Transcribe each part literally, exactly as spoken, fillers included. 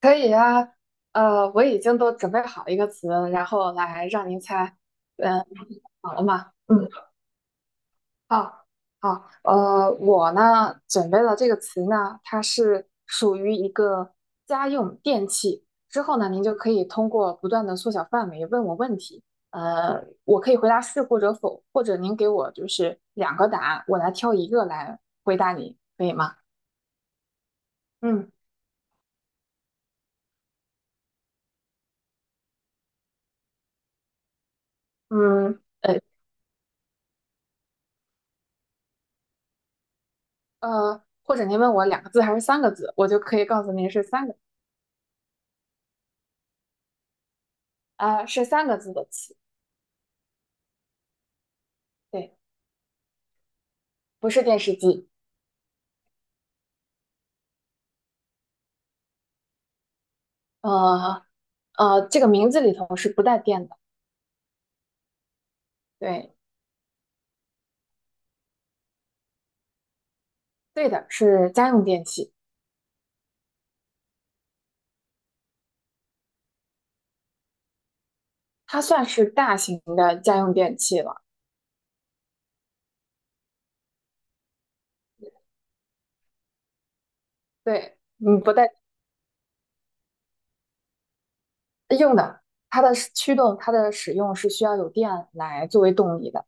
可以呀，呃，我已经都准备好一个词，然后来让您猜。嗯，好了吗？嗯，好，好。呃，我呢准备了这个词呢，它是属于一个家用电器。之后呢，您就可以通过不断的缩小范围问我问题。呃，我可以回答是或者否，或者您给我就是两个答案，我来挑一个来回答你，可以吗？嗯嗯，呃。呃，或者您问我两个字还是三个字，我就可以告诉您是三个，啊，是三个字的词，对，不是电视机，呃呃，这个名字里头是不带电的，对，对的，是家用电器，它算是大型的家用电器了，对，嗯，不带用的，它的使驱动，它的使用是需要有电来作为动力的，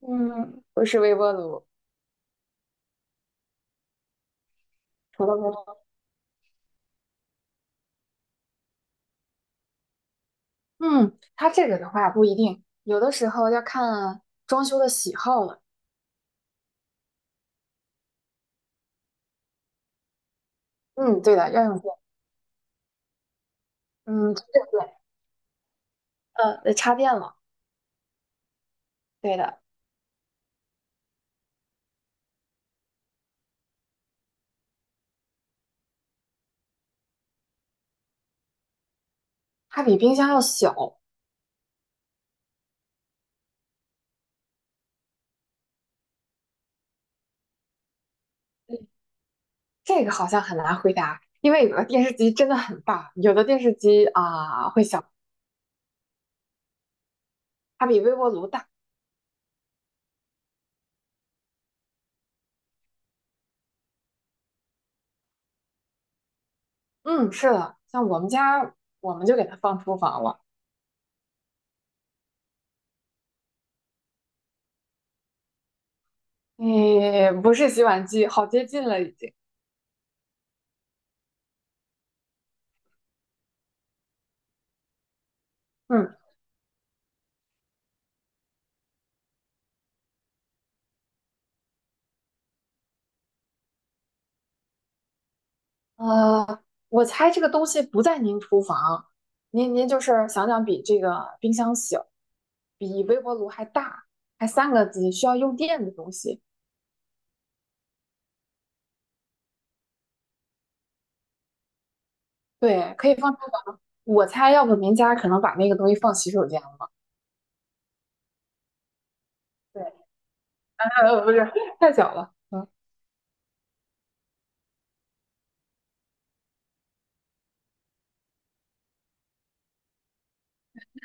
嗯，不是微波炉，除了微波炉，嗯，它这个的话不一定，有的时候要看装修的喜好了。嗯，对的，要用电。嗯，对对对，呃，得插电了，对的，它比冰箱要小。嗯，这个好像很难回答，因为有的电视机真的很大，有的电视机啊、会小，它比微波炉大。嗯，是的，像我们家，我们就给它放厨房了。诶，不是洗碗机，好接近了已经。嗯，呃，我猜这个东西不在您厨房，您您就是想想比这个冰箱小，比微波炉还大，还三个机，需要用电的东西。对，可以放厨房。我猜，要不您家可能把那个东西放洗手间了。对 呃，不是，太小了。嗯，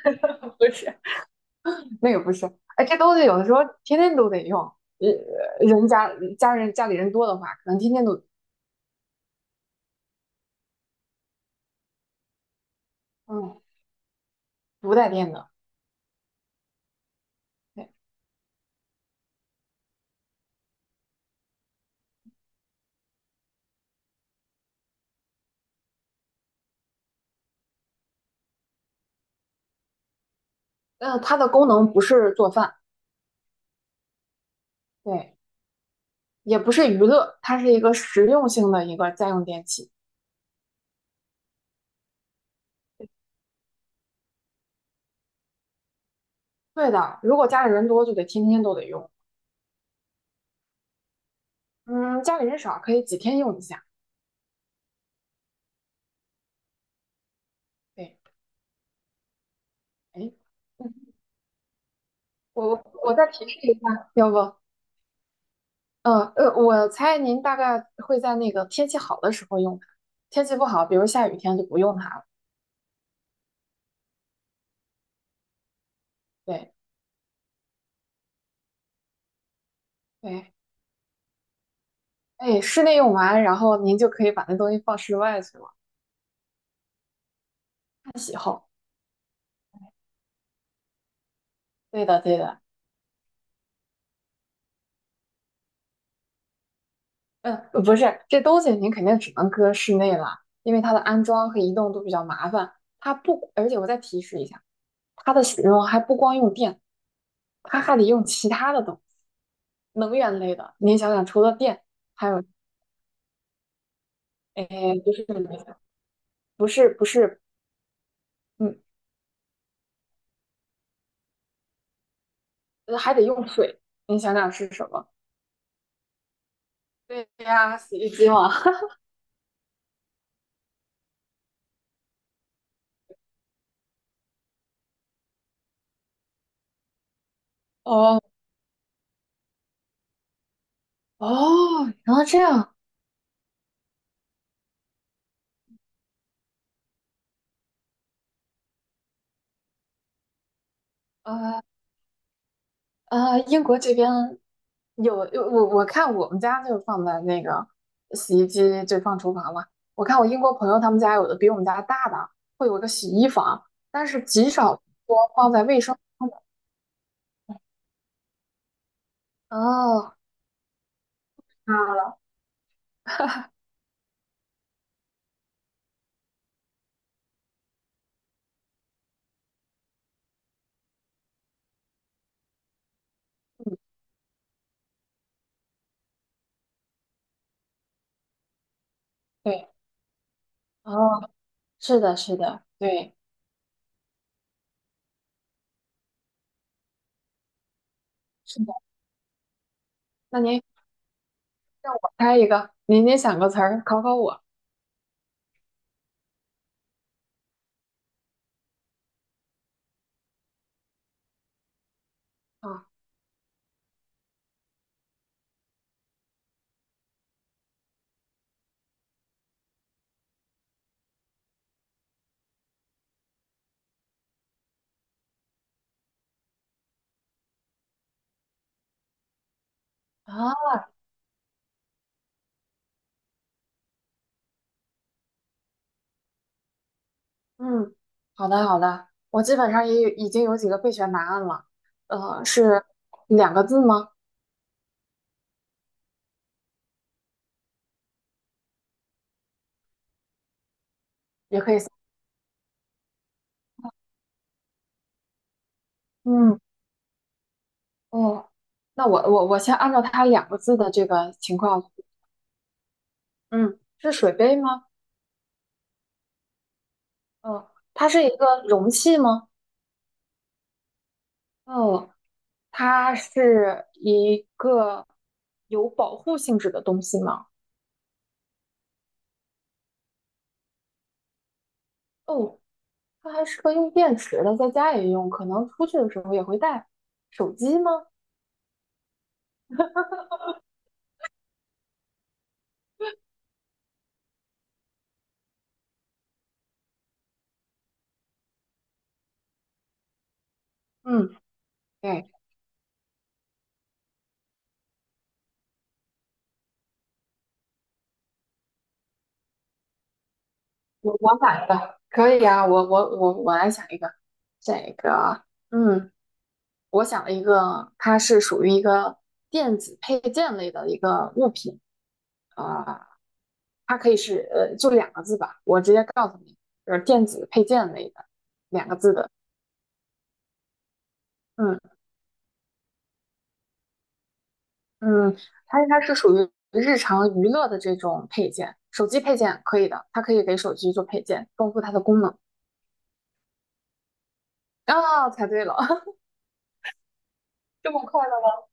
不是，那个不是。哎，这东西有的时候天天都得用。呃，人家家人家里人多的话，可能天天都嗯不带电的。对，呃，它的功能不是做饭，对，也不是娱乐，它是一个实用性的一个家用电器。对的，如果家里人多，就得天天都得用。嗯，家里人少可以几天用一下。对，哎。嗯，我我再提示一下，要不，嗯呃，我猜您大概会在那个天气好的时候用它，天气不好，比如下雨天就不用它了。对对，哎，室内用完，然后您就可以把那东西放室外去了，看喜好。对的对的，嗯，不是，这东西您肯定只能搁室内了，因为它的安装和移动都比较麻烦。它不，而且我再提示一下，它的使用还不光用电，它还得用其他的东西，能源类的。您想想，除了电。哎，不是不是不是，嗯，还得用水。你想想是什么？对呀，洗衣机嘛。哦哦，然后这样，呃呃，英国这边有有我我看我们家就放在那个洗衣机，就放厨房嘛。我看我英国朋友他们家有的比我们家大的，会有一个洗衣房，但是极少说放在卫生间的。哦，啊，对，哦，是的，是的，对，是的。那您让我猜一个，您您想个词儿考考我啊。啊，嗯，好的好的，我基本上也有已经有几个备选答案了。呃，是两个字吗？也可以三嗯，哦，那我我我先按照它两个字的这个情况。嗯，是水杯吗？哦，它是一个容器吗？哦，它是一个有保护性质的东西吗？哦，它还适合用电池的，在家也用，可能出去的时候也会带。手机吗？嗯，对，我我买的可以啊。我我我我来想一个，这个，嗯，我想了一个，它是属于一个电子配件类的一个物品啊、它可以是呃，就两个字吧，我直接告诉你，就是电子配件类的两个字的，嗯。嗯，它应该是属于日常娱乐的这种配件，手机配件可以的，它可以给手机做配件，丰富它的功能。啊，猜对了，这么快的吗？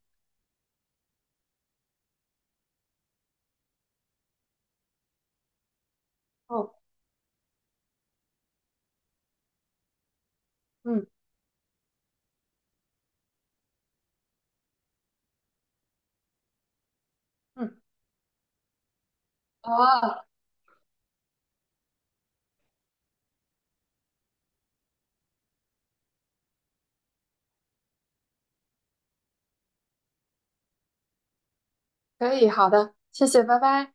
哦，嗯嗯，好啊，可以，好的，谢谢，拜拜。